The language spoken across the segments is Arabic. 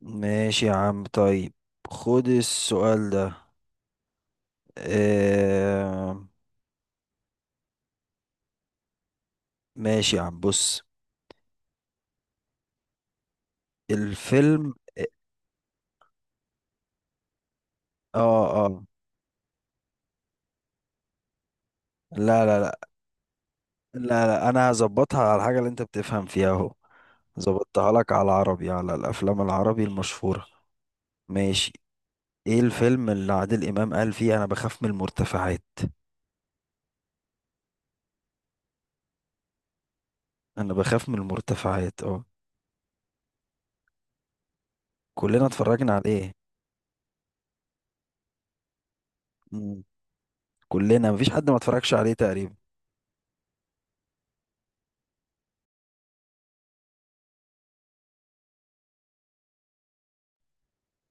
ماشي يا عم، طيب. خد السؤال ده. آه... ماشي يا عم، بص. الفيلم. اه اه. لا لا لا. لا لا، انا هظبطها على الحاجة اللي انت بتفهم فيها اهو. ظبطتها لك على العربي، على الافلام العربي المشهورة. ماشي. ايه الفيلم اللي عادل امام قال فيه انا بخاف من المرتفعات؟ انا بخاف من المرتفعات، اه. كلنا اتفرجنا عليه. مم. كلنا، مفيش حد ما اتفرجش عليه تقريبا.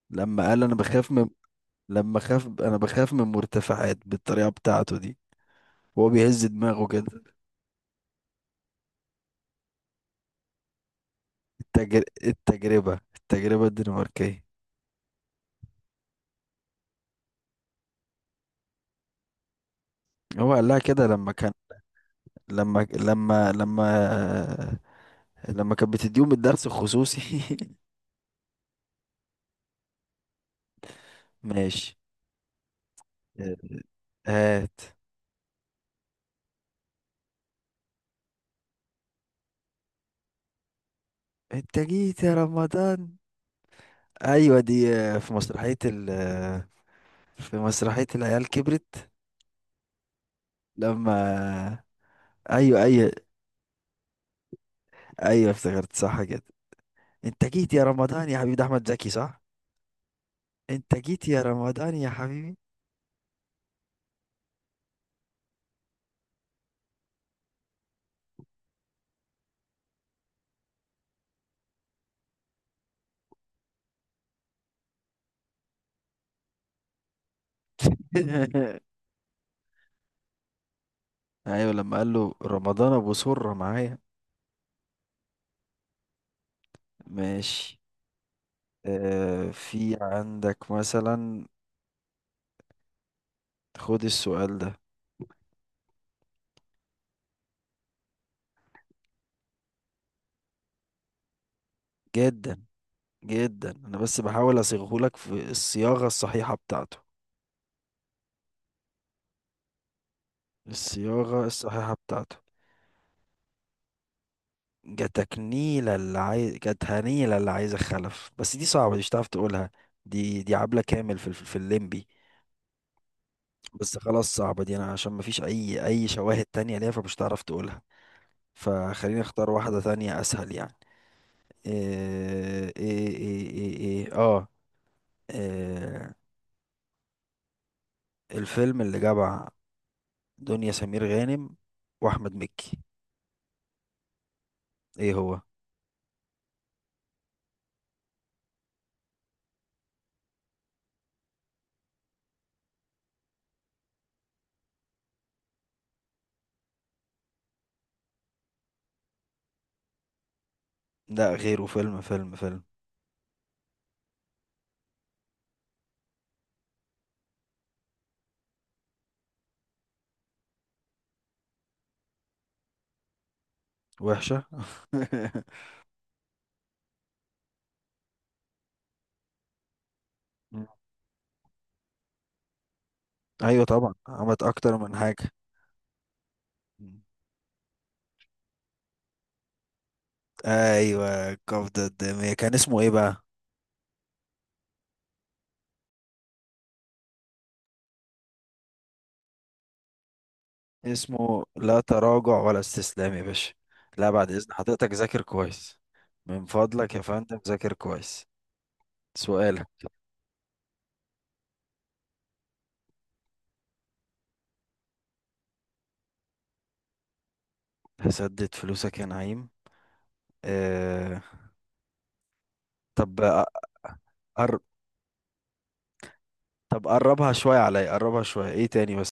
لما قال انا بخاف من، لما خاف انا بخاف من مرتفعات بالطريقه بتاعته دي وهو بيهز دماغه كده. التجربه الدنماركيه. هو قال لها كده لما كان، لما لما كانت بتديهم الدرس الخصوصي. ماشي. هات. انت جيت يا رمضان. ايوه دي في مسرحيه ال آه، في مسرحيه العيال كبرت. لما، ايوه ايوه، ايوه افتكرت صح كده. انت جيت يا رمضان يا حبيب احمد زكي، صح. انت جيت يا رمضان يا حبيبي. ايوه، لما قال له رمضان ابو سرة معايا. ماشي. آه، في عندك مثلا؟ خد السؤال ده. جدا جدا، انا بس بحاول اصيغه لك في الصياغة الصحيحة بتاعته، الصياغة الصحيحة بتاعته. جاتك نيلة اللي عايز، جاتها نيلة اللي عايزة خلف، بس دي صعبة، دي مش هتعرف تقولها. دي عبلة كامل في في الليمبي. بس خلاص، صعبة دي، انا عشان مفيش اي شواهد تانية ليها فمش هتعرف تقولها. فخليني اختار واحدة تانية اسهل يعني. آه، ايه ايه ايه ايه, إيه اه إيه الفيلم اللي جمع دنيا سمير غانم واحمد مكي؟ ايه هو؟ لا غيره، فيلم. وحشة. مم. ايوه طبعا، عملت اكتر من حاجة. مم. ايوه، القبضة الدامية، كان اسمه ايه بقى؟ اسمه لا تراجع ولا استسلام يا باشا. لا بعد اذن حضرتك، ذاكر كويس. من فضلك يا فندم، ذاكر كويس. سؤالك. هسدد فلوسك يا نعيم. آه... طب. أقر... طب قربها شوية عليا، قربها شوية، ايه تاني بس.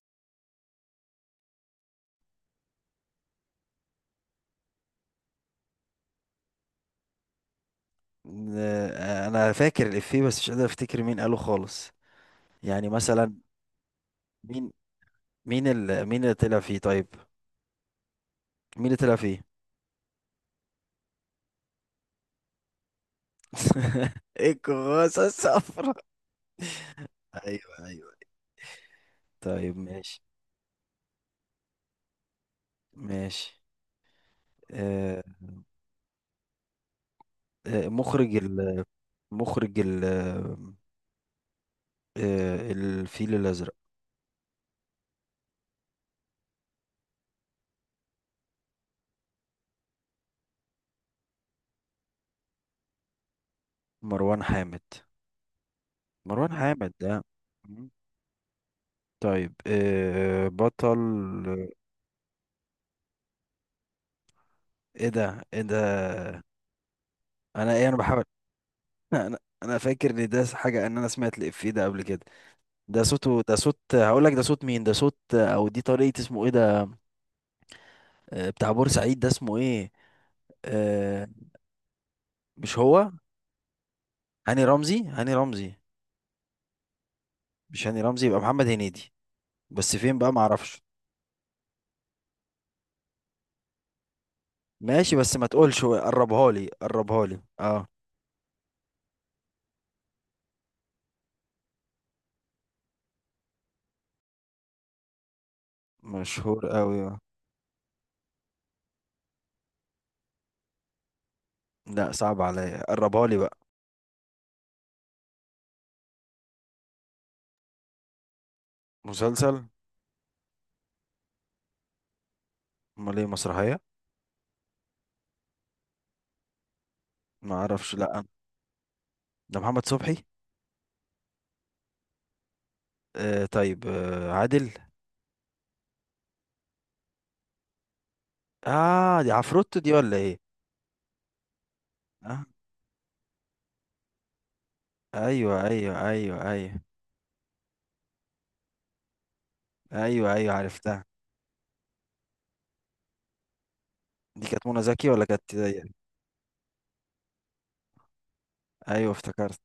انا فاكر الإفيه بس مش قادر افتكر مين قاله خالص. يعني مثلا، مين، مين اللي طلع فيه طيب؟ مين اللي طلع فيه؟ ايه الكراسة الصفرا؟ ايوه ايوه، طيب ماشي. ماشي. آه... مخرج مخرج الفيل الأزرق. مروان حامد، مروان حامد ده. طيب، إيه بطل؟ ايه ده؟ ايه ده؟ انا بحاول. انا فاكر ان ده حاجه، ان انا سمعت الافيه ده قبل كده. ده صوته، ده صوت، هقول لك ده صوت مين، ده صوت او دي طريقه اسمه ايه ده. آه، بتاع بورسعيد ده اسمه ايه؟ آه، مش هو. هاني رمزي، هاني رمزي. مش هاني رمزي، يبقى محمد هنيدي. بس فين بقى، ما اعرفش. ماشي، بس ما تقولش قربها لي، قربها لي، اه. مشهور قوي. لا، صعب عليا، قربها لي بقى. مسلسل. امال ايه، مسرحيه؟ ما اعرفش، لا. ده محمد صبحي. آه طيب، آه عادل. اه، دي عفروتو دي ولا ايه؟ آه، ايوه ايوه ايوه ايوه، ايوه ايوه عرفتها. دي كانت منى زكي ولا كانت دي؟ ايوه افتكرت.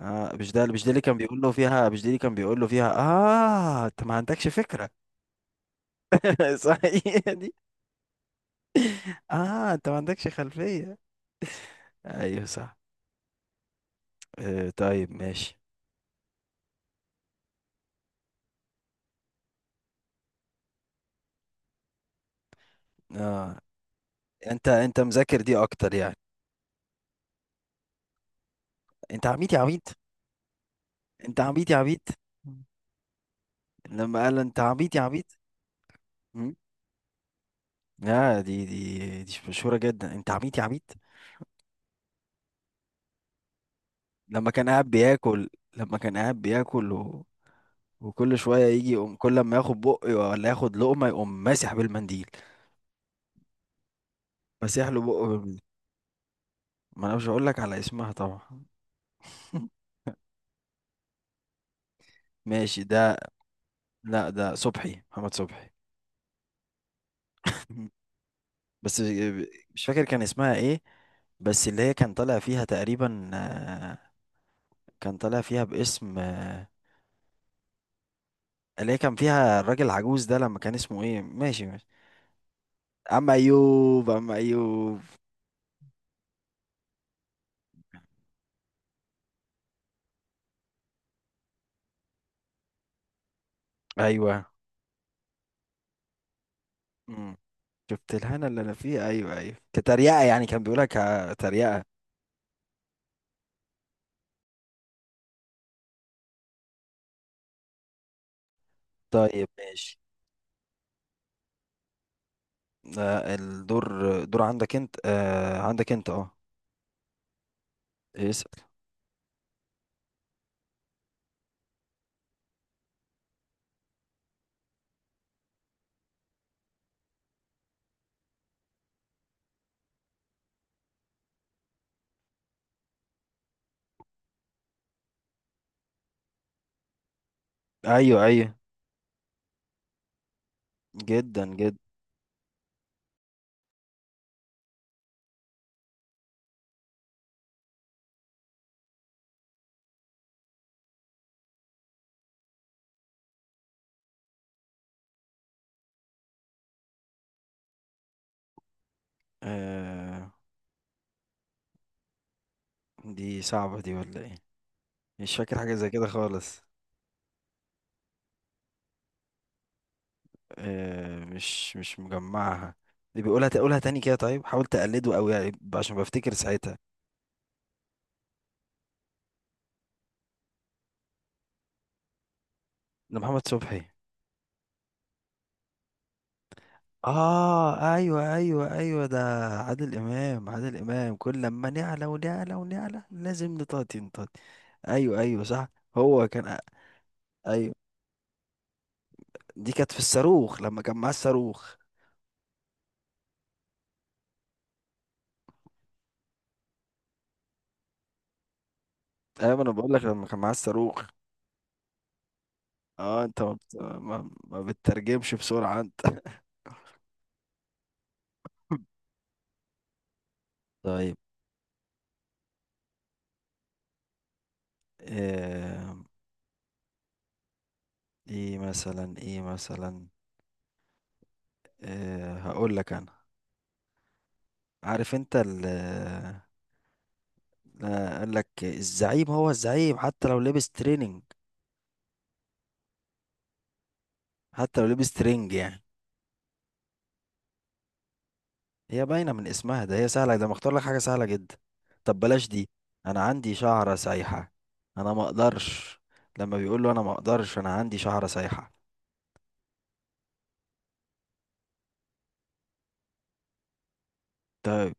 اه، مش ده مش ده اللي كان بيقول له فيها، مش ده اللي كان بيقول له فيها، اه انت ما عندكش فكرة. صحيح دي. اه انت ما عندكش خلفية. ايوه صح. آه طيب ماشي. اه، انت انت مذاكر دي اكتر يعني. انت عميد يا عميد، انت عميد يا عميد. لما قال له انت عبيط يا عبيط. مم. لا، دي مشهورة جدا، انت عبيط يا عبيط. لما كان قاعد بياكل. لما كان قاعد بياكل وكل شوية يجي يقوم، كل ما ياخد بق ولا ياخد لقمة يقوم ماسح بالمنديل، ماسح له بقه بالمنديل. ما انا مش هقول لك على اسمها طبعا. ماشي ده. لا ده صبحي، محمد صبحي. مم. بس مش فاكر كان اسمها ايه، بس اللي هي كان طالع فيها تقريبا، كان طالع فيها باسم، اللي هي كان فيها الراجل العجوز ده، لما كان اسمه ايه، ماشي ماشي. اما ايوب، اما ايوب. ايوه. امم. شفت الهنا اللي انا فيه، ايوه ايوه، كتريقه يعني كان بيقولها، كتريقه. طيب ماشي. آه الدور، دور عندك انت، آه عندك انت اه. اسال. ايوه ايوه. جدا جدا. آه، دي صعبه دي ولا ايه؟ مش فاكر حاجه زي كده خالص. آه، مش مش مجمعها. اللي بيقولها تقولها تاني كده طيب، حاول تقلده قوي يعني عشان بفتكر ساعتها. ده محمد صبحي. اه ايوه ايوه ايوه ده. عادل امام، عادل امام، كل لما نعلى ونعلى ونعلى لازم نطاطي. ايوه ايوه صح. هو كان، ايوه. دي كانت في الصاروخ لما كان معاه الصاروخ. ايوه انا بقول لك لما كان معاه الصاروخ. اه انت ما, بت... ما... ما بتترجمش بسرعه انت. طيب. آه... ايه مثلا، ايه مثلا، هقول لك انا. عارف انت ال، آه، قال لك الزعيم هو الزعيم حتى لو لبس تريننج، حتى لو لبس ترينج يعني. هي باينة من اسمها، ده هي سهلة، ده مختار لك حاجة سهلة جدا. طب بلاش دي. انا عندي شعرة سايحة، انا ما اقدرش. لما بيقول له انا ما اقدرش انا عندي شعرة سايحة. طيب،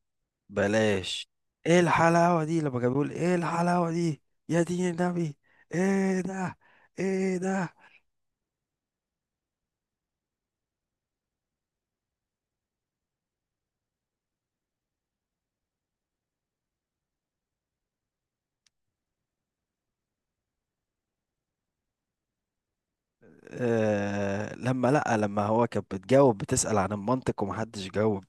بلاش. ايه الحلاوة دي، لما كان بيقول ايه الحلاوة دي، يا دين النبي. ايه ده؟ ايه ده؟ آه لما، لأ لما هو كان بتجاوب، بتسأل عن المنطق ومحدش جاوب.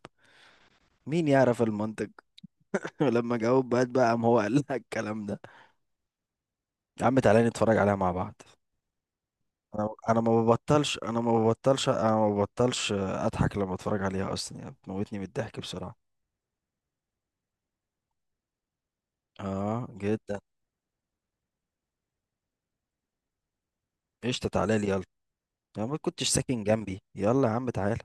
مين يعرف المنطق؟ ولما جاوب بقى، قام هو قال لها الكلام ده. يا عم تعالى نتفرج عليها مع بعض. انا ما ببطلش، اضحك لما اتفرج عليها اصلا يعني، بتموتني من الضحك بسرعه. اه جدا. قشطه، تعالى لي يلا. انا ما كنتش ساكن جنبي، يلا يا عم تعالى.